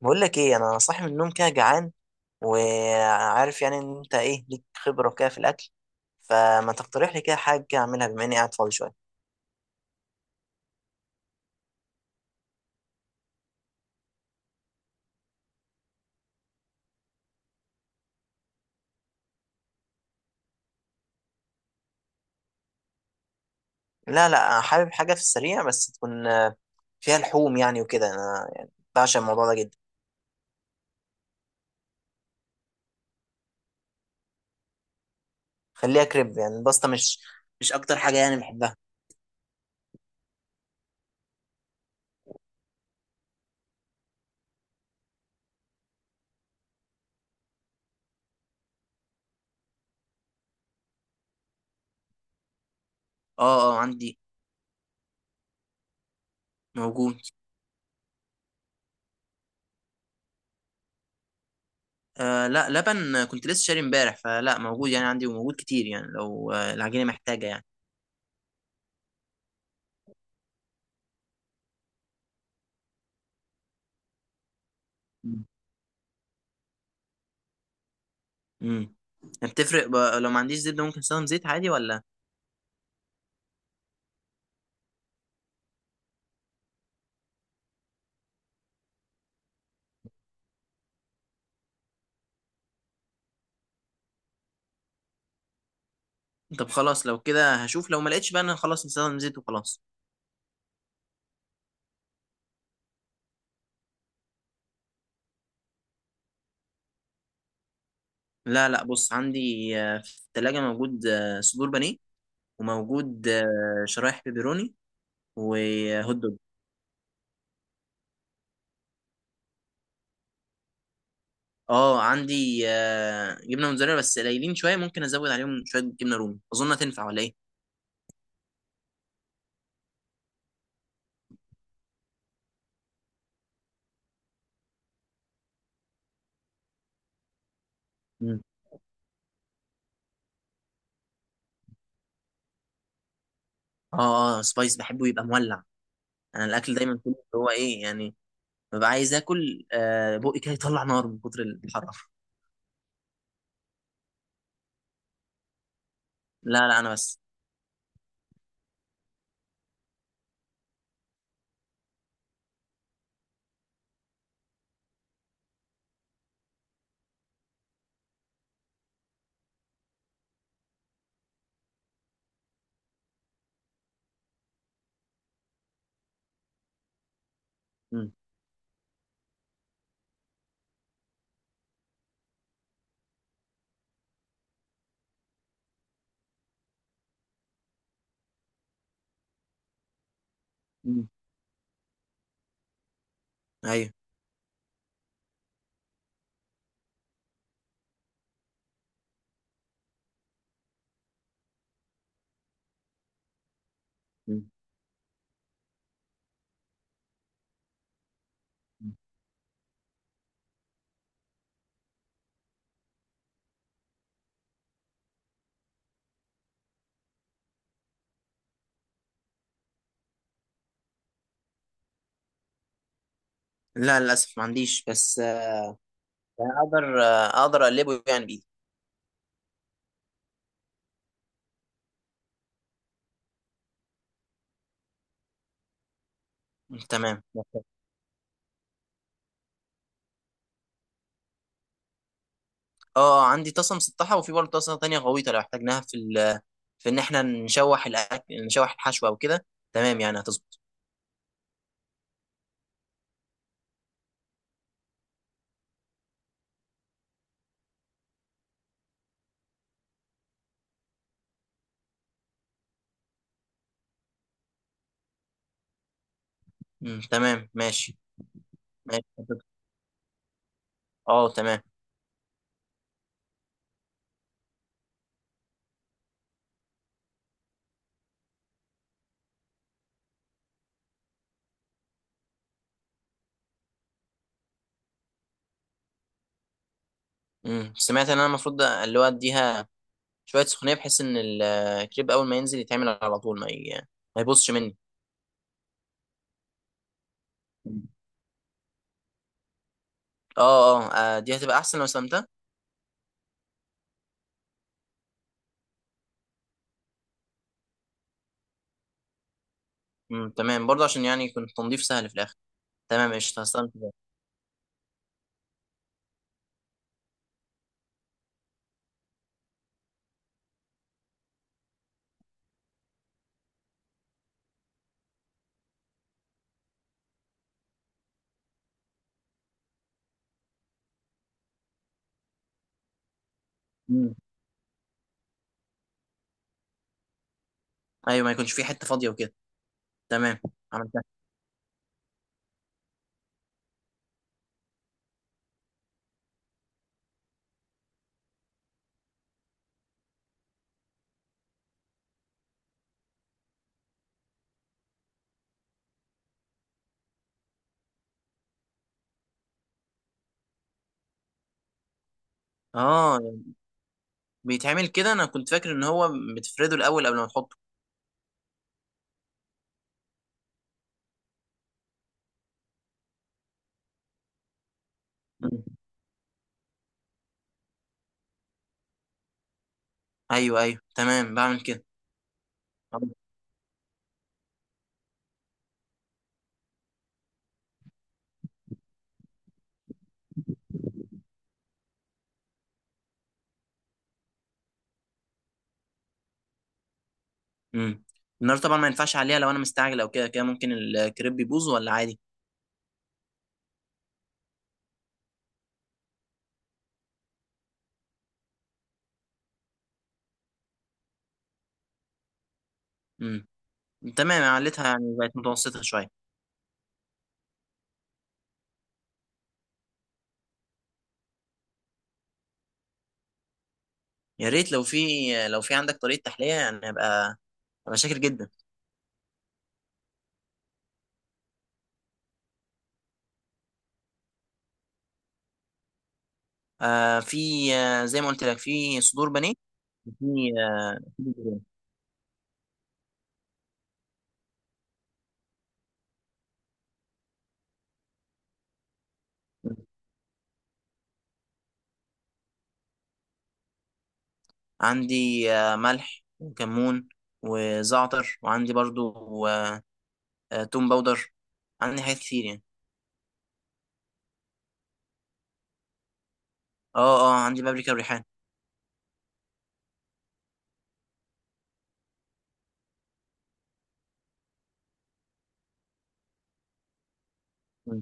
بقول لك ايه، انا صاحي من النوم كده جعان، وعارف يعني ان انت ايه ليك خبره كده في الاكل، فما تقترح لي كده حاجه كده اعملها بما اني قاعد فاضي شويه. لا لا، انا حابب حاجه في السريع، بس تكون فيها لحوم يعني وكده، انا يعني بعشق الموضوع ده جدا. خليها كريب، يعني الباستا مش اكتر حاجه يعني بحبها. اه اه، عندي. موجود. لا، لبن كنت لسه شاري امبارح، فلا موجود يعني عندي، وموجود كتير يعني لو العجينه محتاجه يعني. امم. بتفرق لو ما عنديش زبده ممكن استخدم زيت عادي ولا؟ طب خلاص، لو كده هشوف، لو ما لقيتش بقى انا خلاص نستخدم زيت وخلاص. لا لا، بص عندي في الثلاجة موجود صدور بانيه، وموجود شرايح بيبروني. وهوت دوج. اه، عندي جبنة موتزاريلا، بس قليلين شوية، ممكن ازود عليهم شوية جبنة رومي، اظن هتنفع ولا ايه؟ مم. اه اه، سبايس بحبه يبقى مولع. انا الاكل دايما كله اللي هو ايه يعني، ببقى عايز اكل بقي كده يطلع نار من كتر الحرارة. لا لا، انا بس. مم. مم. ايوه. مم. لا، للأسف ما عنديش، بس يعني اقدر اقلبه يعني بايدي. تمام. اه عندي طاسه مسطحه، وفي برضه طاسه تانية غويطه لو احتاجناها في في ان احنا نشوح الاكل، نشوح الحشوه او كده. تمام يعني هتظبط. مم، تمام ماشي. ماشي هتظبط. اه تمام. مم. سمعت ان انا المفروض اللي هو اديها شويه سخونيه، بحيث ان الكريب اول ما ينزل يتعمل على طول ما يبصش مني. مم. اه اه، دي هتبقى احسن لو سلمتها. مم، تمام برضه عشان يعني يكون التنظيف سهل في الاخر. تمام قشطه، هستلم كده. مم. ايوه، ما يكونش في حته فاضيه وكده. تمام. عملتها. اه، بيتعمل كده؟ انا كنت فاكر ان هو بتفرده الاول قبل ما تحطه. مم. ايوه ايوه، تمام بعمل كده. امم. النار طبعا ما ينفعش عليها، لو انا مستعجل او كده كده ممكن الكريب يبوظ، ولا عادي؟ امم، تمام عليتها، يعني بقت متوسطه شويه. يا ريت لو في عندك طريقه تحليه، يعني ابقى شاكر جدا. في. زي ما قلت لك، في صدور بانيه. في في بيضتين. مم. عندي ملح وكمون، وزعتر، وعندي برضو توم باودر، عندي حاجات كتير يعني. اه اه، عندي بابريكا وريحان. مم.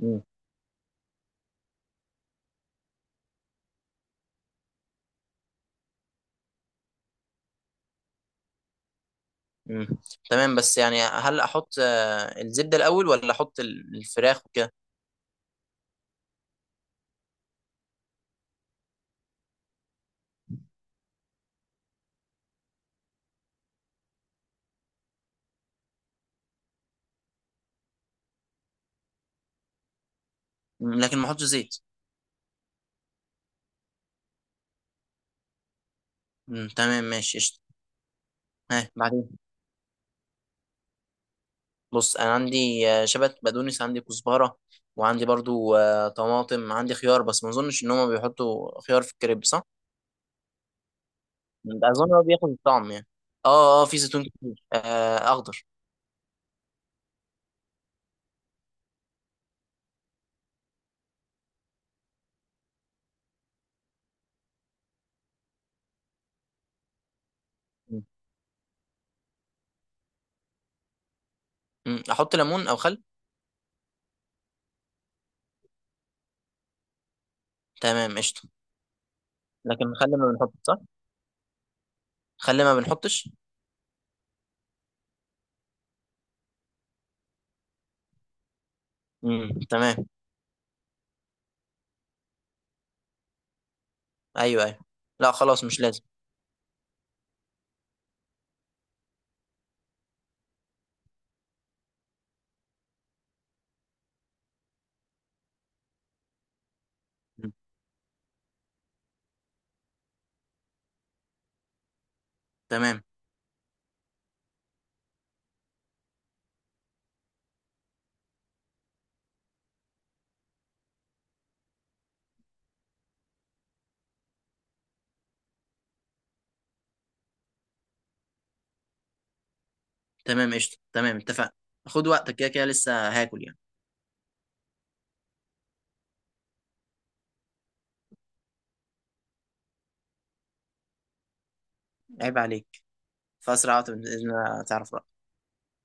مم. مم. تمام، بس يعني هل احط الزبدة الاول، ولا احط الفراخ وكده؟ مم، لكن ما احطش زيت؟ مم. تمام ماشي قشطة. ها، بعدين بص انا عندي شبت، بقدونس، عندي كزبرة، وعندي برضو طماطم، عندي خيار، بس ما اظنش ان هما بيحطوا خيار في الكريب صح؟ ده اظن هو بياخد الطعم يعني. اه اه، في زيتون كتير اخضر. مم. مم. احط ليمون او خل؟ تمام قشطة. لكن خل ما بنحطش صح؟ خليه ما بنحطش. امم، تمام. ايوه ايوه، لا خلاص مش لازم. مم. تمام. تمام قشطه، تمام اتفقنا. خد وقتك، كده كده لسه هاكل يعني. عيب عليك، فاسرع وقت باذن الله تعرف.